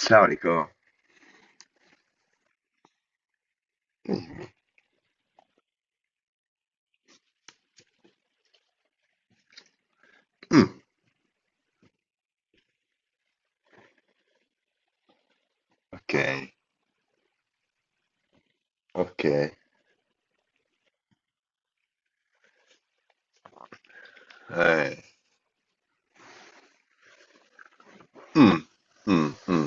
Storico? Mh, mh, okay, okay. Eh, mh, mh, mh.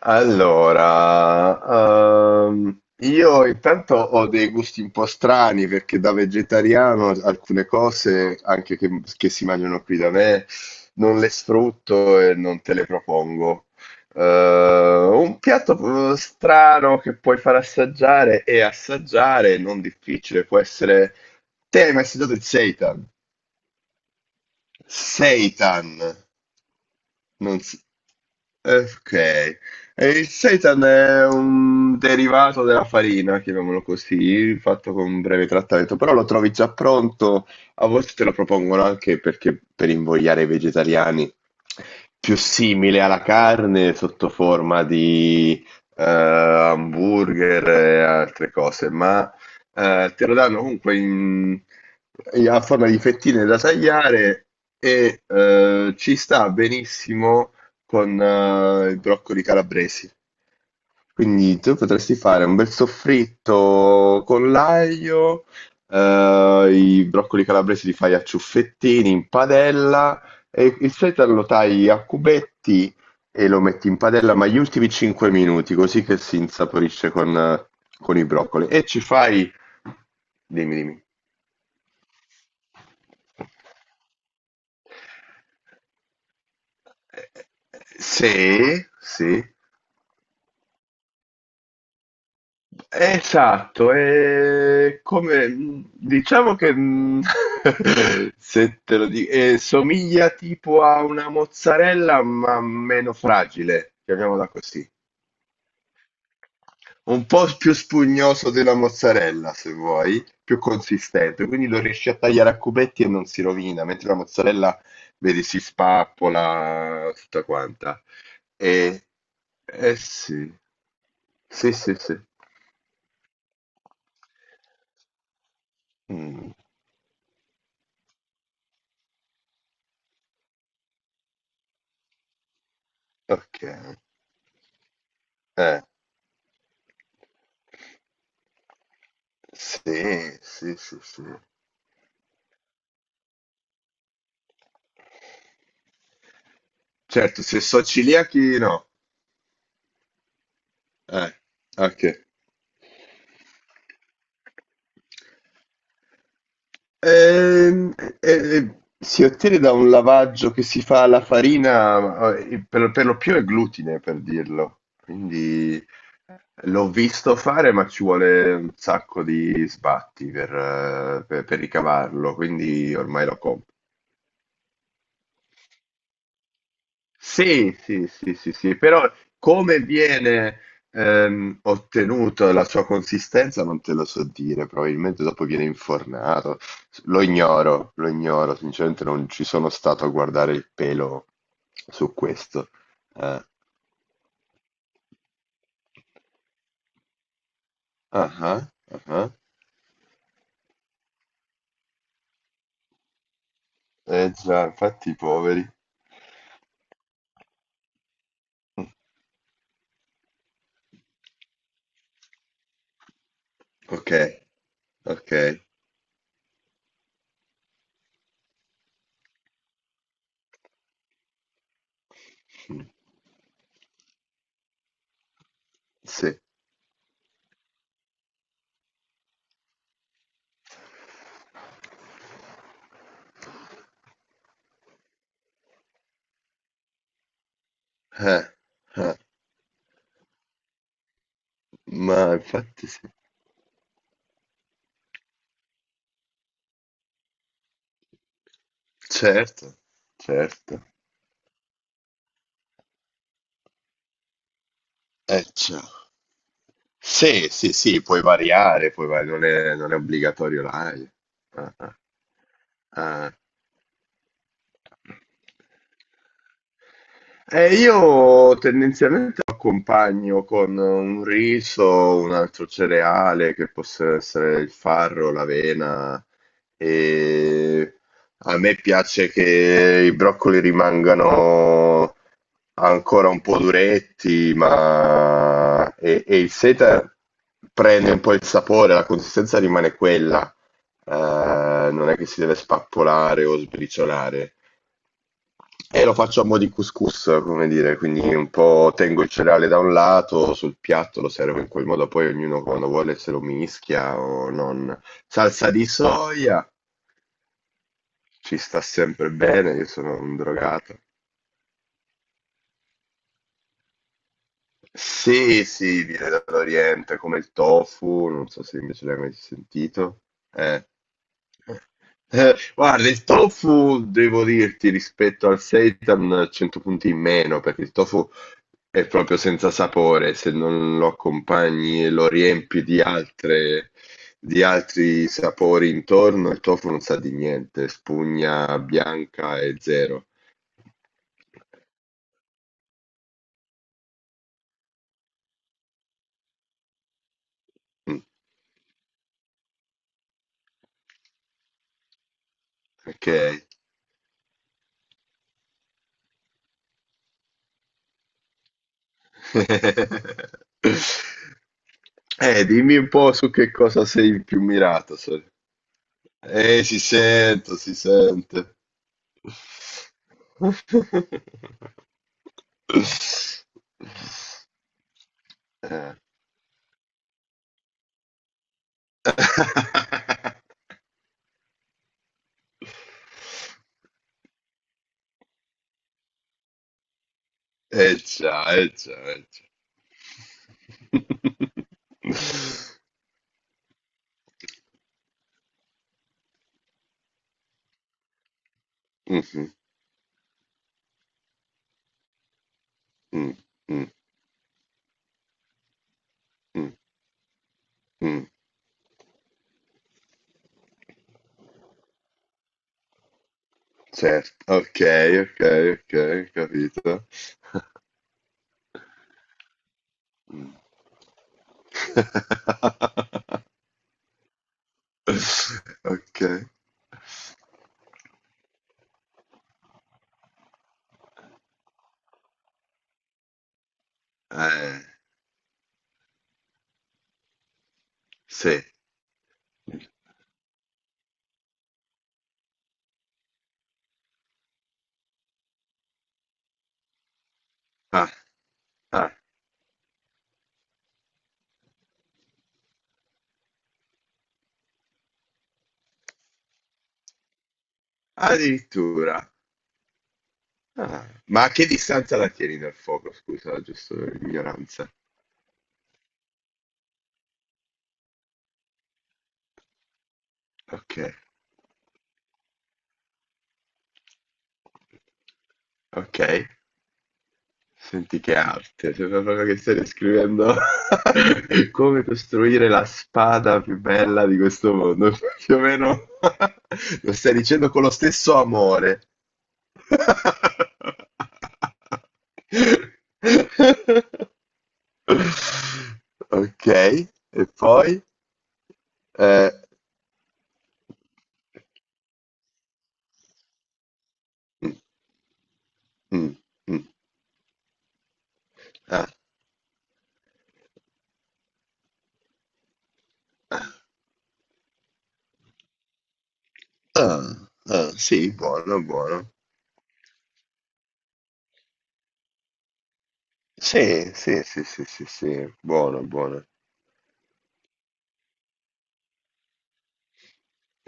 Allora, io intanto ho dei gusti un po' strani perché da vegetariano alcune cose, anche che si mangiano qui da me, non le sfrutto e non te le propongo. Un piatto, strano che puoi far assaggiare e assaggiare, non difficile, può essere. Te hai mai assaggiato il seitan? Seitan. Non s- Ok. E il seitan è un derivato della farina, chiamiamolo così, fatto con un breve trattamento, però lo trovi già pronto, a volte te lo propongono anche perché per invogliare i vegetariani, più simile alla carne sotto forma di hamburger e altre cose, ma te lo danno comunque a forma di fettine da tagliare e ci sta benissimo con i broccoli calabresi. Quindi tu potresti fare un bel soffritto con l'aglio, i broccoli calabresi li fai a ciuffettini in padella, e il sedano lo tagli a cubetti e lo metti in padella, ma gli ultimi 5 minuti, così che si insaporisce con i broccoli. E ci fai. Dimmi, dimmi. Eh, se. Esatto, e come diciamo che, se te lo di somiglia tipo a una mozzarella, ma meno fragile, chiamiamola così. Un po' s più spugnoso della mozzarella, se vuoi, più consistente, quindi lo riesci a tagliare a cubetti e non si rovina, mentre la mozzarella vedi si spappola tutta quanta. Ehm eh sì. Sì, sì, sì. Mh. Ok. Eh, sì, sì, sì, sì. Certo, se so celiachi no. Eh, ok. Si ottiene da un lavaggio che si fa alla farina, per lo più è glutine, per dirlo. Quindi l'ho visto fare, ma ci vuole un sacco di sbatti per ricavarlo, quindi ormai lo compro. Sì, sì, sì, sì, sì, però come viene ottenuta la sua consistenza non te lo so dire, probabilmente dopo viene infornato. Lo ignoro, sinceramente non ci sono stato a guardare il pelo su questo. Eh, ah, ah, ah. Ah. Eh già, infatti i poveri. Mm, ok, ok. Mm, sì. Eh, eh, ma infatti sì. Certo, certo. Cioè. Sì, sì, sì, puoi variare, non è obbligatorio live. Ah, ah. Ah. Io tendenzialmente lo accompagno con un riso, un altro cereale che possa essere il farro, l'avena. E a me piace che i broccoli rimangano ancora un po' duretti, ma e il seta prende un po' il sapore, la consistenza rimane quella. Eh, Non è che si deve spappolare o sbriciolare. E lo faccio a mo' di couscous, come dire, quindi un po' tengo il cereale da un lato, sul piatto lo servo in quel modo, poi ognuno quando vuole se lo mischia o non. Salsa di soia, ci sta sempre bene, io sono un drogato. Sì, sì, viene dall'Oriente come il tofu, non so se invece l'hai mai sentito. Eh. Guarda, il tofu, devo dirti, rispetto al seitan, 100 punti in meno, perché il tofu è proprio senza sapore, se non lo accompagni e lo riempi di altre, di altri sapori intorno, il tofu non sa di niente, spugna bianca e zero. Mm, ok. Dimmi un po' su che cosa sei più mirato. Si sente, si sente. Eh. Eh già, eh già, eh già. Mhm, mm, mm, mm, mm. Mm. Certo, ok, ok, ok, capito. Mm. Ok. Eh, sì. Ah, ah, addirittura. Ah, ma a che distanza la tieni dal fuoco? Scusa, giusto per ignoranza. Ok, ok. Senti che arte, sembra proprio che stai descrivendo come costruire la spada più bella di questo mondo. Più o meno lo stai dicendo con lo stesso amore. Ok, e poi? Eh, mm, mm, mm, ah, ah, ah, sì, buono, buono. Sì, sì, sì, sì, sì, sì, buono, buono.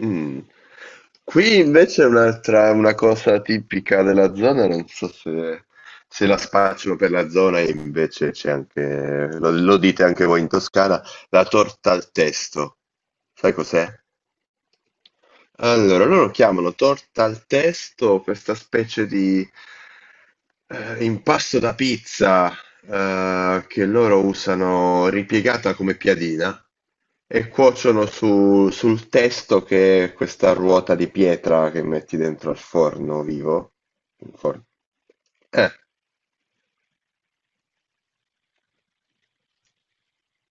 Mm. Qui invece è un'altra, una cosa tipica della zona, non so se la spacciano per la zona, e invece c'è anche, lo dite anche voi in Toscana, la torta al testo. Sai cos'è? Allora, loro chiamano torta al testo questa specie di impasto da pizza che loro usano ripiegata come piadina e cuociono sul testo che è questa ruota di pietra che metti dentro al forno vivo. Il forno. Eh.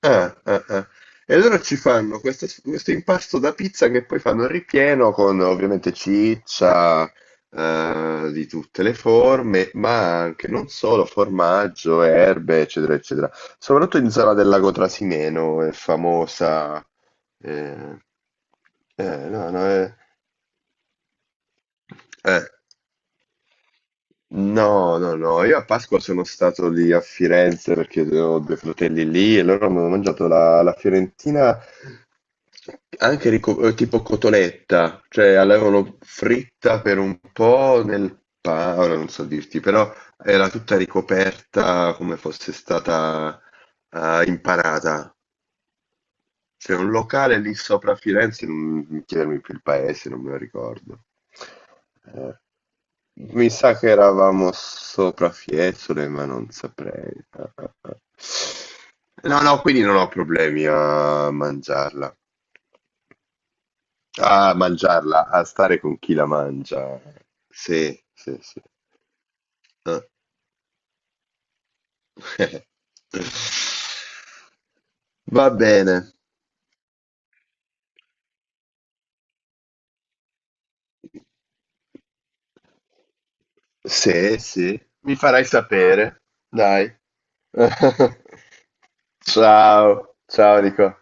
Ah, ah, ah. E allora ci fanno questo impasto da pizza che poi fanno il ripieno con ovviamente ciccia di tutte le forme, ma anche non solo formaggio, erbe, eccetera, eccetera. Soprattutto in Zala del Lago Trasimeno è famosa. eh, no, no, è, eh. No, no, no, io a Pasqua sono stato lì a Firenze perché ho due fratelli lì e loro hanno mangiato la fiorentina anche tipo cotoletta, cioè l'avevano fritta per un po' nel pane, ora non so dirti, però era tutta ricoperta come fosse stata impanata. C'è un locale lì sopra a Firenze, non mi chiedermi più il paese, non me lo ricordo. Eh, mi sa che eravamo sopra Fiesole, ma non saprei. No, no, quindi non ho problemi a mangiarla. A mangiarla, a stare con chi la mangia. Sì, sì, sì. Eh. Va bene. Sì, sì, mi farai sapere, dai. Ciao, ciao Nico.